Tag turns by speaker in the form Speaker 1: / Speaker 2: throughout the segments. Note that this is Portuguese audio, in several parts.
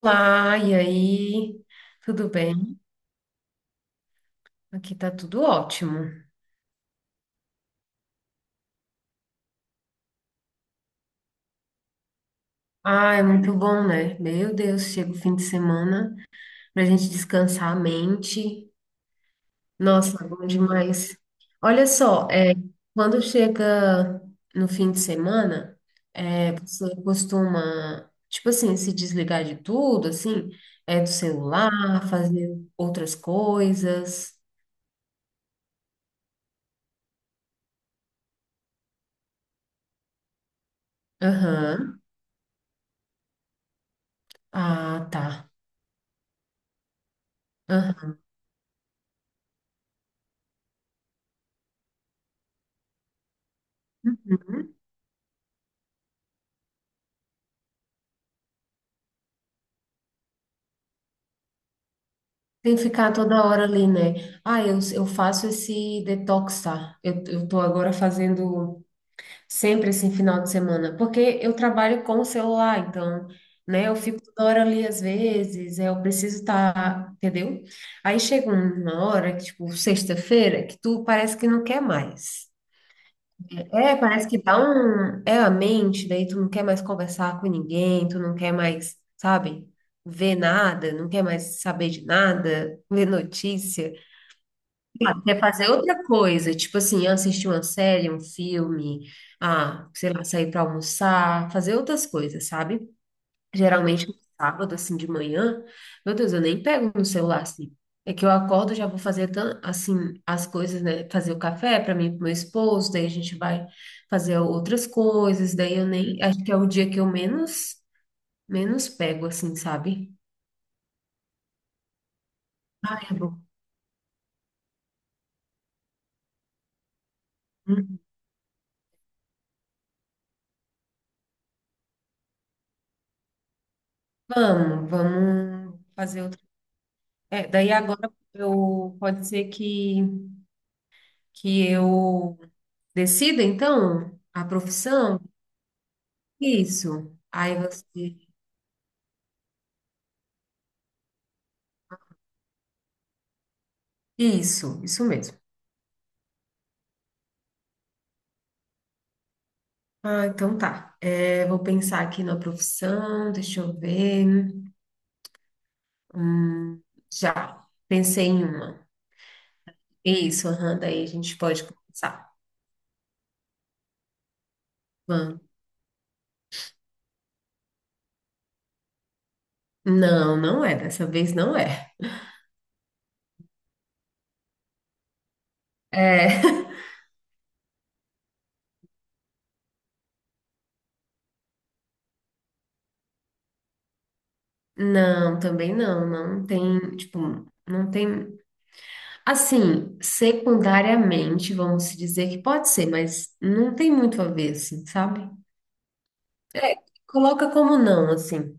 Speaker 1: Olá, e aí? Tudo bem? Aqui tá tudo ótimo. Ah, é muito bom, né? Meu Deus, chega o fim de semana pra gente descansar a mente. Nossa, é bom demais. Olha só, quando chega no fim de semana, você costuma, tipo assim, se desligar de tudo, assim, é do celular, fazer outras coisas. Aham. Ah, tá. Aham. Tem que ficar toda hora ali, né? Ah, eu faço esse detox, tá? Eu tô agora fazendo sempre esse final de semana, porque eu trabalho com o celular, então, né? Eu fico toda hora ali às vezes, eu preciso estar, entendeu? Aí chega uma hora, que, tipo, sexta-feira, que tu parece que não quer mais. É, parece que dá um. É a mente, daí tu não quer mais conversar com ninguém, tu não quer mais, sabe, ver nada, não quer mais saber de nada, ver notícia. Ah, quer fazer outra coisa, tipo assim, assistir uma série, um filme, ah, sei lá, sair para almoçar, fazer outras coisas, sabe? Geralmente no sábado, assim, de manhã, meu Deus, eu nem pego no celular, assim. É que eu acordo, já vou fazer, assim, as coisas, né? Fazer o café para mim e pro meu esposo, daí a gente vai fazer outras coisas, daí eu nem, acho que é o dia que eu menos, menos pego, assim, sabe? Ai, é bom. Vamos, vamos fazer. É, daí agora eu pode ser que eu decida, então, a profissão? Isso. Aí você. Isso mesmo. Ah, então tá. É, vou pensar aqui na profissão, deixa eu ver. Hum, já, pensei em uma. Isso, aham, daí a gente pode começar. Vamos. Não, não é, dessa vez não é. É, não, também não, não tem, tipo, não tem. Assim, secundariamente, vamos se dizer que pode ser, mas não tem muito a ver, assim, sabe? Coloca como não, assim.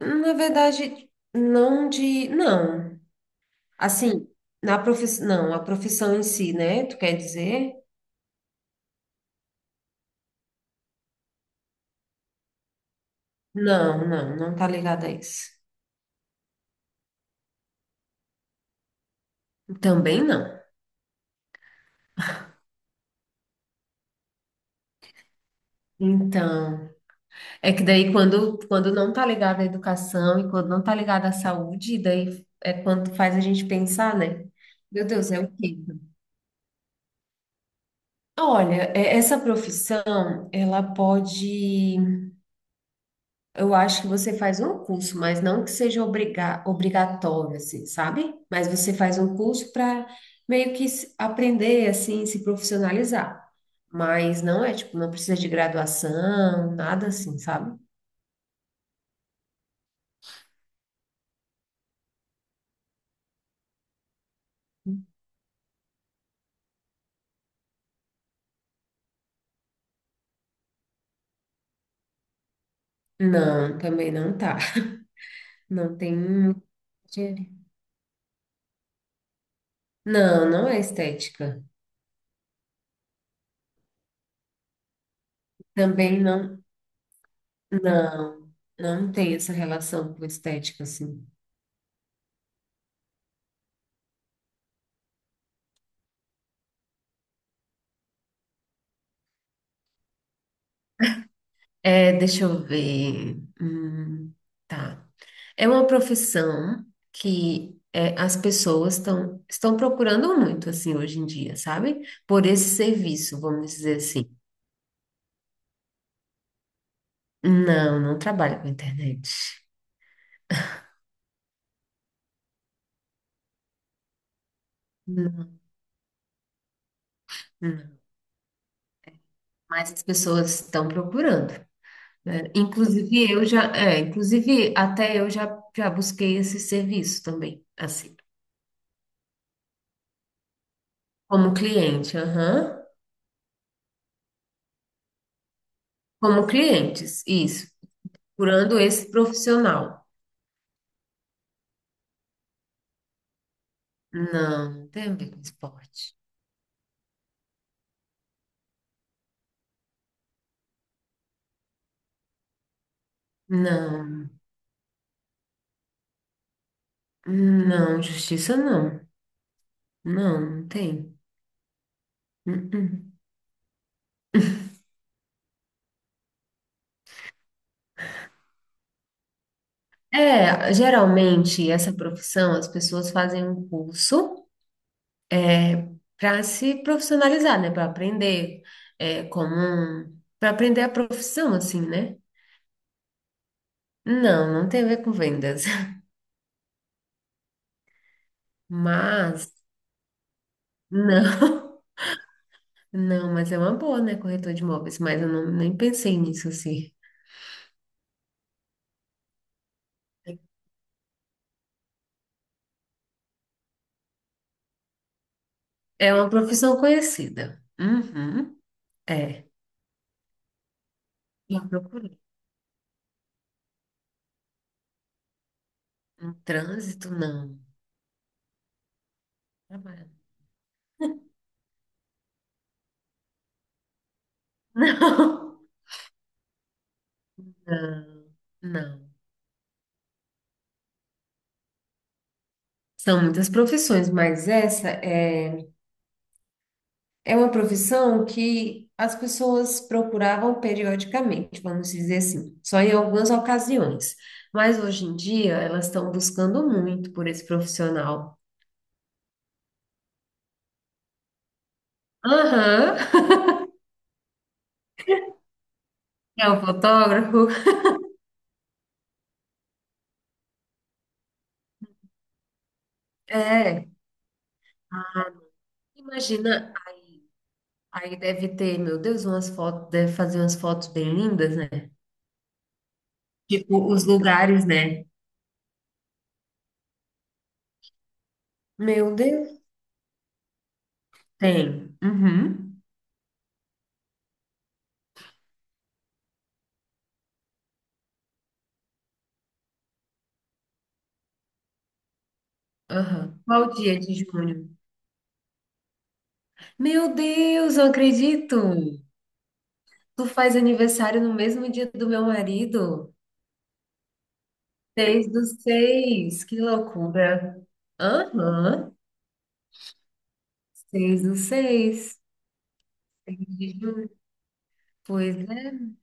Speaker 1: Na verdade, não de. Não. Assim, na profissão. Não, a profissão em si, né? Tu quer dizer? Não, não, não tá ligada a isso. Também não. Então, é que daí quando não tá ligado à educação e quando não tá ligado à saúde, daí é quando faz a gente pensar, né? Meu Deus, é o quê? Olha, essa profissão, ela pode, eu acho que você faz um curso, mas não que seja obrigatório, assim, sabe? Mas você faz um curso para meio que aprender, assim, se profissionalizar. Mas não é, tipo, não precisa de graduação, nada assim, sabe? Não, também não tá. Não tem. Não, não é estética. Também não, não, não tem essa relação com estética, assim. É, deixa eu ver. Tá. É uma profissão que é, as pessoas estão procurando muito, assim, hoje em dia, sabe? Por esse serviço, vamos dizer assim. Não, não trabalho com internet. Não, não. Mas as pessoas estão procurando, né? Inclusive eu já, é, inclusive até eu já, já busquei esse serviço também, assim, como cliente, aham. Como clientes, isso, procurando esse profissional. Não, não tem a ver com esporte. Não, não, justiça não. Não, não tem. Uh-uh. É, geralmente essa profissão as pessoas fazem um curso para se profissionalizar, né? Para aprender é, como um, para aprender a profissão, assim, né? Não, não tem a ver com vendas. Mas, não, não, mas é uma boa, né? Corretor de imóveis, mas eu não, nem pensei nisso, assim. É uma profissão conhecida. Uhum, é. Já procurei. Um trânsito, não. Trabalho. Não, não, não. São muitas profissões, mas essa é, é uma profissão que as pessoas procuravam periodicamente, vamos dizer assim, só em algumas ocasiões. Mas hoje em dia elas estão buscando muito por esse profissional. Aham, é o fotógrafo. É, imagina, aí, aí deve ter, meu Deus, umas fotos, deve fazer umas fotos bem lindas, né? Tipo, os lugares, né? Meu Deus. Tem. Uhum. Aham. Qual dia de junho? Meu Deus, eu acredito! Tu faz aniversário no mesmo dia do meu marido? 6 do 6, que loucura! Aham, 6 do 6. 6 de junho. Pois é.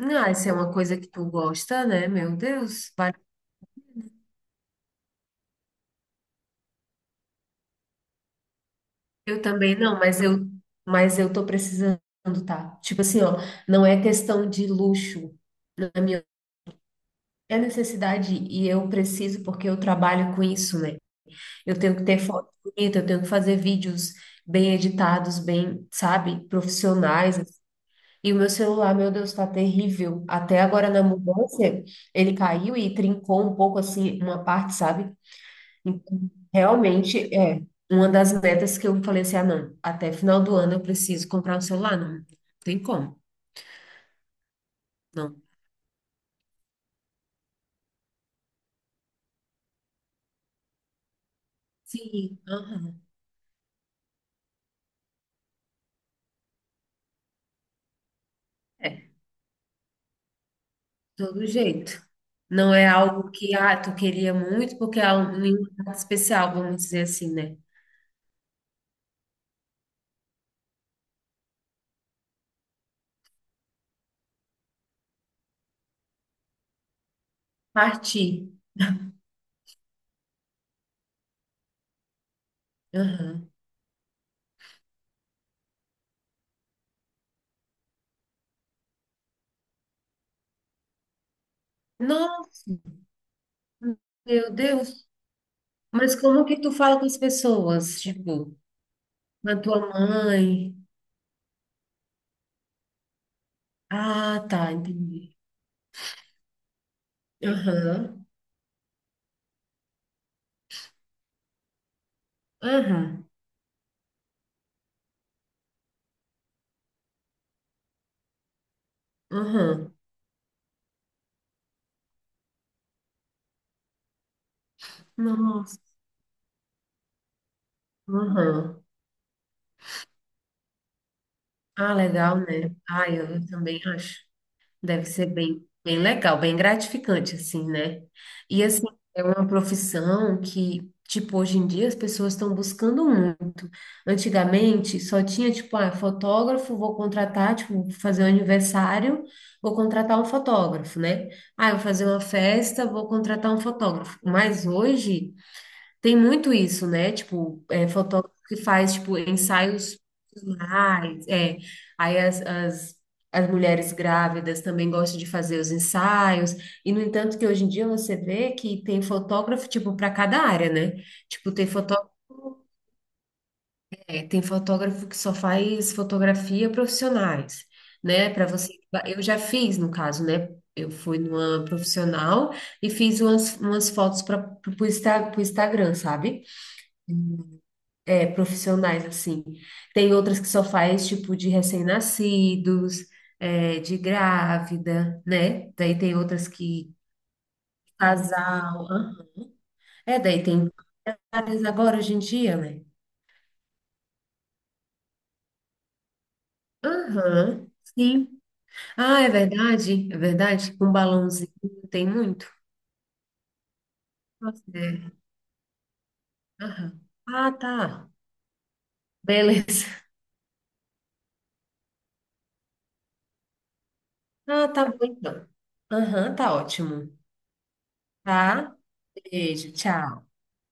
Speaker 1: Ah, isso é uma coisa que tu gosta, né? Meu Deus. Vai. Eu também não, mas eu tô precisando, tá? Tipo assim, ó, não é questão de luxo. Na minha. É necessidade e eu preciso porque eu trabalho com isso, né? Eu tenho que ter foto bonita, eu tenho que fazer vídeos bem editados, bem, sabe, profissionais. E o meu celular, meu Deus, tá terrível. Até agora na mudança, ele caiu e trincou um pouco assim uma parte, sabe? Então, realmente é uma das metas que eu falei assim, ah, não, até final do ano eu preciso comprar um celular, não tem como, não. Sim, aham. Todo jeito. Não é algo que, ah, tu queria muito porque é um- nenhum prato especial, vamos dizer assim, né? Partir. Aham. Nossa, meu Deus. Mas como que tu fala com as pessoas? Tipo, com a tua mãe? Ah, tá, entendi. Aham. Aham. Aham. Nossa. Aham. Ah, legal, né? Ah, eu também acho. Deve ser bem, bem legal, bem gratificante, assim, né? E, assim, é uma profissão que, tipo, hoje em dia as pessoas estão buscando muito. Antigamente, só tinha, tipo, ah, fotógrafo, vou contratar, tipo, vou fazer um aniversário, vou contratar um fotógrafo, né? Ah, eu vou fazer uma festa, vou contratar um fotógrafo. Mas hoje, tem muito isso, né? Tipo, é, fotógrafo que faz, tipo, ensaios mais, é. Aí as mulheres grávidas também gostam de fazer os ensaios. E, no entanto, que hoje em dia você vê que tem fotógrafo, tipo, para cada área, né? Tipo, tem fotó é, tem fotógrafo que só faz fotografia profissionais, né? Para você... Eu já fiz, no caso, né? Eu fui numa profissional e fiz umas fotos para o Instagram, sabe? É, profissionais, assim. Tem outras que só faz, tipo, de recém-nascidos, é, de grávida, né? Daí tem outras que casal. Hã? É, daí tem várias agora hoje em dia, né? Aham, sim. Ah, é verdade, é verdade. Com balãozinho tem muito. Nossa, é. Aham. Ah, tá. Beleza. Ah, tá bom então. Aham, tá ótimo. Tá? Beijo, tchau.